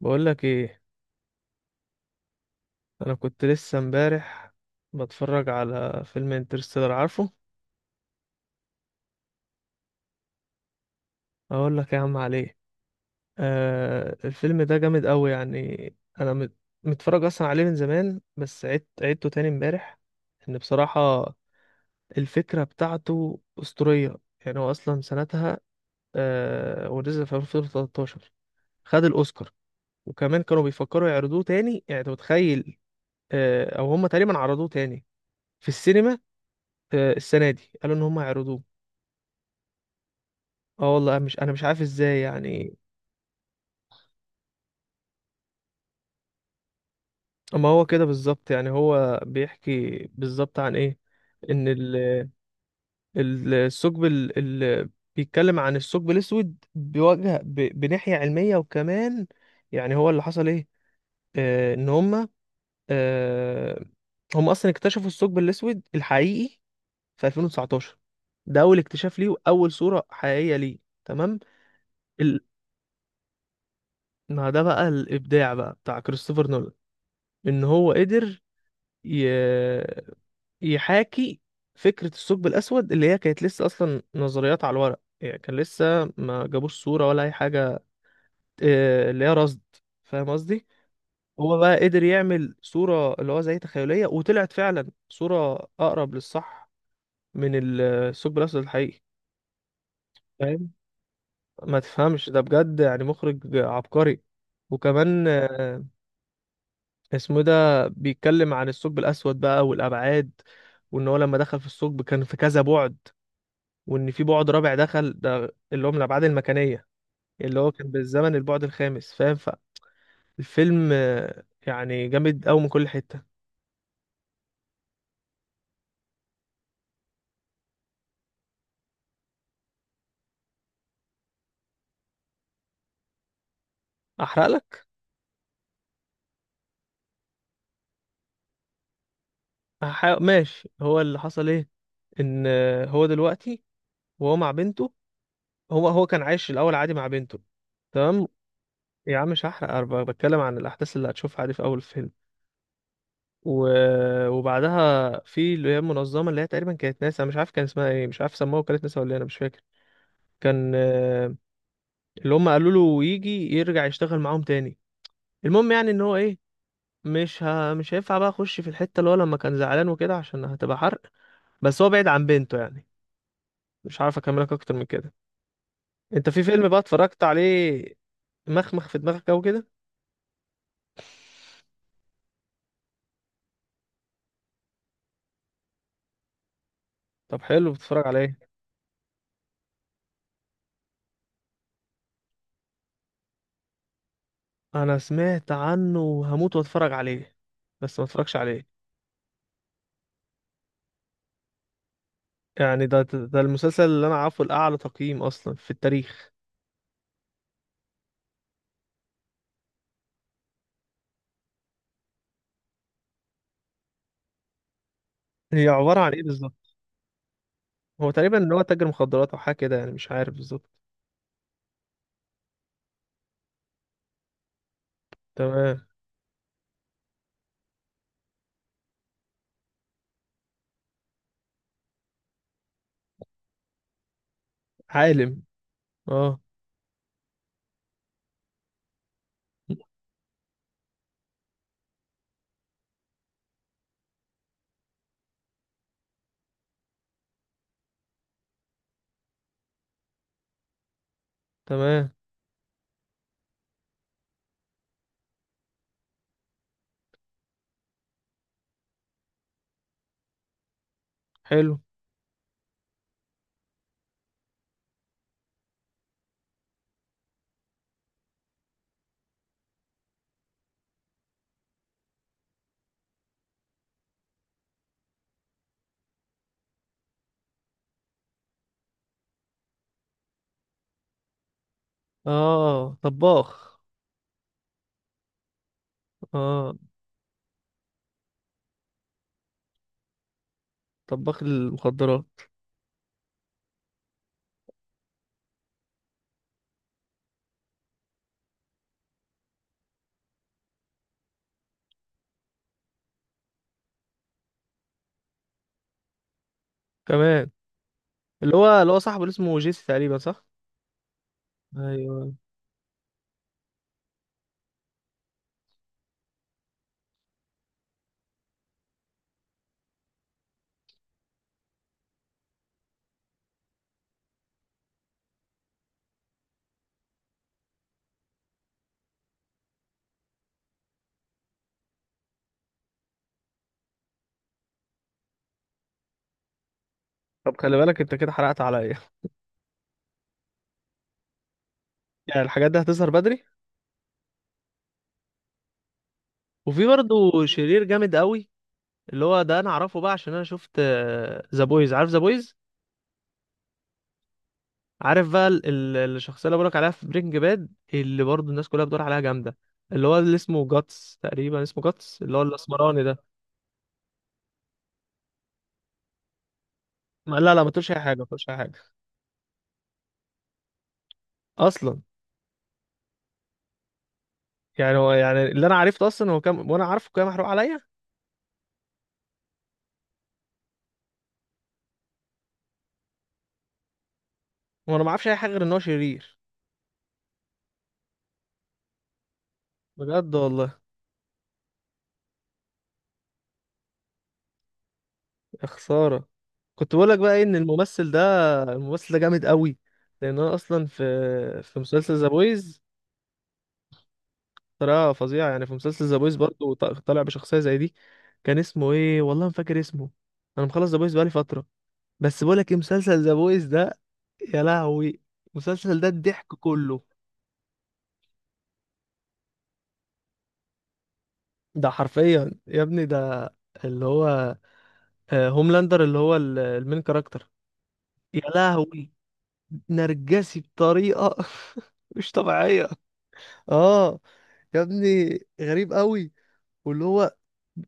بقول لك ايه؟ انا كنت لسه امبارح بتفرج على فيلم انترستيلر، عارفه. اقول لك يا عم عليه. آه، الفيلم ده جامد قوي. متفرج اصلا عليه من زمان، بس عدت عدته تاني امبارح. ان بصراحة الفكرة بتاعته اسطورية. يعني هو اصلا سنتها ونزل في 2013، خد الاوسكار. وكمان كانوا بيفكروا يعرضوه تاني، يعني انت متخيل. او هم تقريبا عرضوه تاني في السينما. السنه دي قالوا ان هم يعرضوه. اه والله مش انا مش عارف ازاي يعني. اما هو كده بالظبط، يعني هو بيحكي بالظبط عن ايه؟ ان الثقب ال- بيتكلم عن الثقب الاسود بوجه بناحية علمية. وكمان يعني هو اللي حصل ايه؟ ان هم، آه هم اصلا اكتشفوا الثقب الاسود الحقيقي في 2019. ده اول اكتشاف ليه واول صورة حقيقية ليه. تمام. ال... ما ده بقى الابداع بقى بتاع كريستوفر نولان. ان هو قدر ي... يحاكي فكرة الثقب الأسود، اللي هي كانت لسه أصلا نظريات على الورق، يعني كان لسه ما جابوش صورة ولا أي حاجة. اللي هي رصد. فاهم قصدي؟ هو بقى قدر يعمل صورة اللي هو زي تخيلية، وطلعت فعلا صورة أقرب للصح من الثقب الأسود الحقيقي. فاهم؟ ما تفهمش، ده بجد يعني مخرج عبقري. وكمان اسمه إيه ده، بيتكلم عن الثقب الأسود بقى والأبعاد. وإن هو لما دخل في الثقب كان في كذا بعد، وان في بعد رابع دخل، ده اللي هو من الابعاد المكانيه. اللي هو كان بالزمن البعد الخامس، فاهم. فالفيلم يعني جامد قوي من كل حته. احرق لك. أحرق. ماشي، هو اللي حصل ايه؟ ان هو دلوقتي وهو مع بنته، هو كان عايش الاول عادي مع بنته. تمام. يا عم مش هحرق، أنا بتكلم عن الاحداث اللي هتشوفها عادي في اول الفيلم. و... وبعدها في اللي هي المنظمه، اللي هي تقريبا كانت ناسا، مش عارف كان اسمها ايه، مش عارف سموها وكالة ناسا ولا إيه، انا مش فاكر. كان اللي هم قالوا له يجي يرجع يشتغل معاهم تاني. المهم يعني ان هو ايه، مش هينفع بقى اخش في الحته اللي هو لما كان زعلان وكده، عشان هتبقى حرق. بس هو بعيد عن بنته يعني. مش عارف اكملك اكتر من كده. انت في فيلم بقى اتفرجت عليه، مخمخ في دماغك او كده؟ طب حلو، بتتفرج على ايه؟ انا سمعت عنه وهموت واتفرج عليه، بس ما اتفرجش عليه. يعني ده المسلسل اللي انا عارفه الاعلى تقييم اصلا في التاريخ. هي عباره عن ايه بالظبط؟ هو تقريبا ان هو تاجر مخدرات او حاجه كده، يعني مش عارف بالظبط. تمام. عالم. اه. تمام. حلو. اه طباخ. اه طباخ المخدرات. كمان اللي هو صاحبه اللي اسمه جيسي تقريبا، صح؟ ايوه. طب خلي بالك انت كده حرقت عليا. يعني الحاجات دي هتظهر بدري؟ وفي برضه شرير جامد قوي، اللي هو ده انا اعرفه بقى عشان انا شفت ذا بويز، عارف ذا بويز. عارف بقى الشخصيه اللي بقولك عليها في برينج باد، اللي برضه الناس كلها بتدور عليها جامده، اللي هو اللي اسمه جاتس تقريبا، اسمه جاتس، اللي هو الاسمراني ده. لا، ما تقولش اي حاجه، ما تقولش اي حاجه اصلا. يعني هو، يعني اللي انا عرفته اصلا هو كان، وانا عارفه كان محروق عليا. وانا ما اعرفش اي حاجه غير ان هو شرير. بجد والله. يا خساره. كنت بقول لك بقى ايه، ان الممثل ده، الممثل ده جامد قوي. لان انا اصلا في في مسلسل ذا بويز، طريقه فظيعه يعني. في مسلسل ذا بويز برضه طالع بشخصيه زي دي. كان اسمه ايه، والله ما فاكر اسمه. انا مخلص ذا بويز بقالي فتره. بس بقول لك ايه، مسلسل ذا بويز ده، يا لهوي، المسلسل ده الضحك كله. ده حرفيا يا ابني، ده اللي هو هوملاندر، اللي هو المين كاركتر. يا لهوي. نرجسي بطريقة مش طبيعية. اه يا ابني، غريب قوي. واللي هو،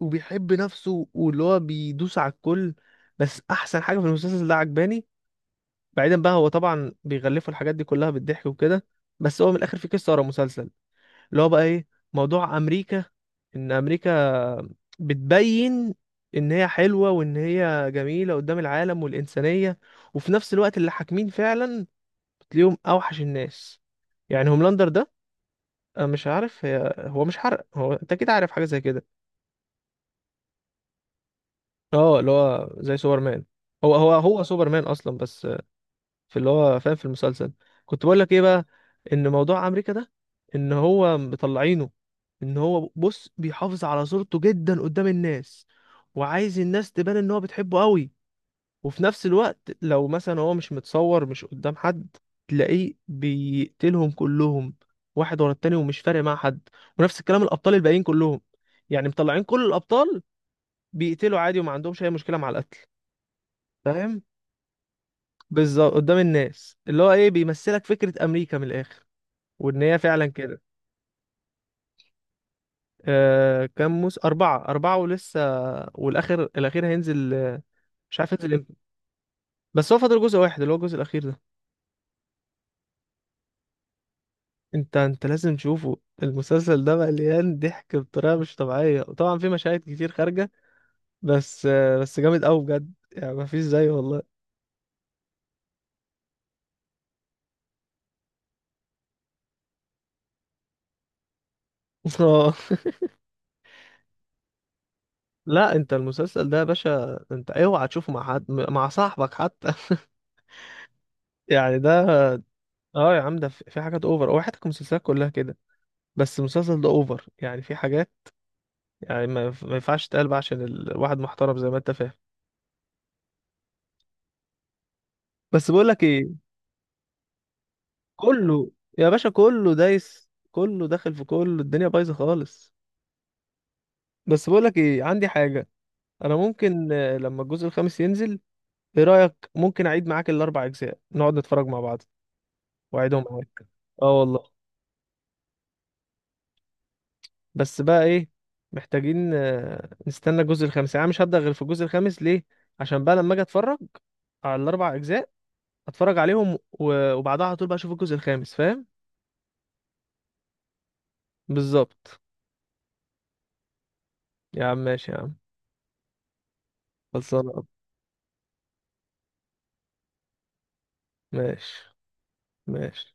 وبيحب نفسه، واللي هو بيدوس على الكل. بس احسن حاجة في المسلسل ده عجباني، بعيدا بقى هو طبعا بيغلفوا الحاجات دي كلها بالضحك وكده، بس هو من الاخر في قصة ورا مسلسل اللي هو بقى ايه، موضوع امريكا. ان امريكا بتبين ان هي حلوة وان هي جميلة قدام العالم والانسانية، وفي نفس الوقت اللي حاكمين فعلا بتلاقيهم اوحش الناس. يعني هوملاندر ده، أنا مش عارف هي، هو مش حرق هو، انت كده عارف حاجة زي كده. اه اللي هو زي سوبرمان. هو سوبرمان اصلا، بس في اللي هو فاهم في المسلسل. كنت بقول لك ايه بقى، ان موضوع امريكا ده، ان هو مطلعينه، ان هو بص بيحافظ على صورته جدا قدام الناس، وعايز الناس تبان ان هو بتحبه قوي. وفي نفس الوقت لو مثلا هو مش متصور مش قدام حد، تلاقيه بيقتلهم كلهم، واحد ورا التاني، ومش فارق مع حد. ونفس الكلام الابطال الباقيين كلهم. يعني مطلعين كل الابطال بيقتلوا عادي، وما عندهمش اي مشكلة مع القتل، فاهم. بالظبط قدام الناس، اللي هو ايه، بيمثلك فكرة امريكا من الاخر، وان هي فعلا كده. كام اربعة، اربعة ولسه، الاخير هينزل، مش عارف ينزل امتى. بس هو فاضل جزء واحد، اللي هو الجزء الاخير ده. انت لازم تشوفه. المسلسل ده مليان ضحك بطريقة مش طبيعية، وطبعا في مشاهد كتير خارجة، بس جامد قوي بجد، يعني مفيش زيه والله. آه. لا انت المسلسل ده يا باشا انت اوعى تشوفه مع حد، مع صاحبك حتى. يعني ده. اه يا عم، ده في في حاجات اوفر. هو حياتك المسلسلات كلها كده، بس المسلسل ده اوفر يعني. في حاجات يعني ما ينفعش تتقال بقى، عشان الواحد محترم زي ما انت فاهم. بس بقول لك ايه، كله. يا باشا كله دايس، كله داخل في كله، الدنيا بايظه خالص. بس بقول لك ايه، عندي حاجه. انا ممكن لما الجزء الخامس ينزل، ايه رايك ممكن اعيد معاك الاربع اجزاء، نقعد نتفرج مع بعض واعيدهم معاك. اه والله. بس بقى ايه، محتاجين نستنى الجزء الخامس. يعني أنا مش هبدأ غير في الجزء الخامس، ليه؟ عشان بقى لما اجي اتفرج على الاربع اجزاء، اتفرج عليهم وبعدها على طول بقى اشوف الجزء الخامس، فاهم. بالظبط. يا عم ماشي يا عم. خلصانه. ماشي. ماشي.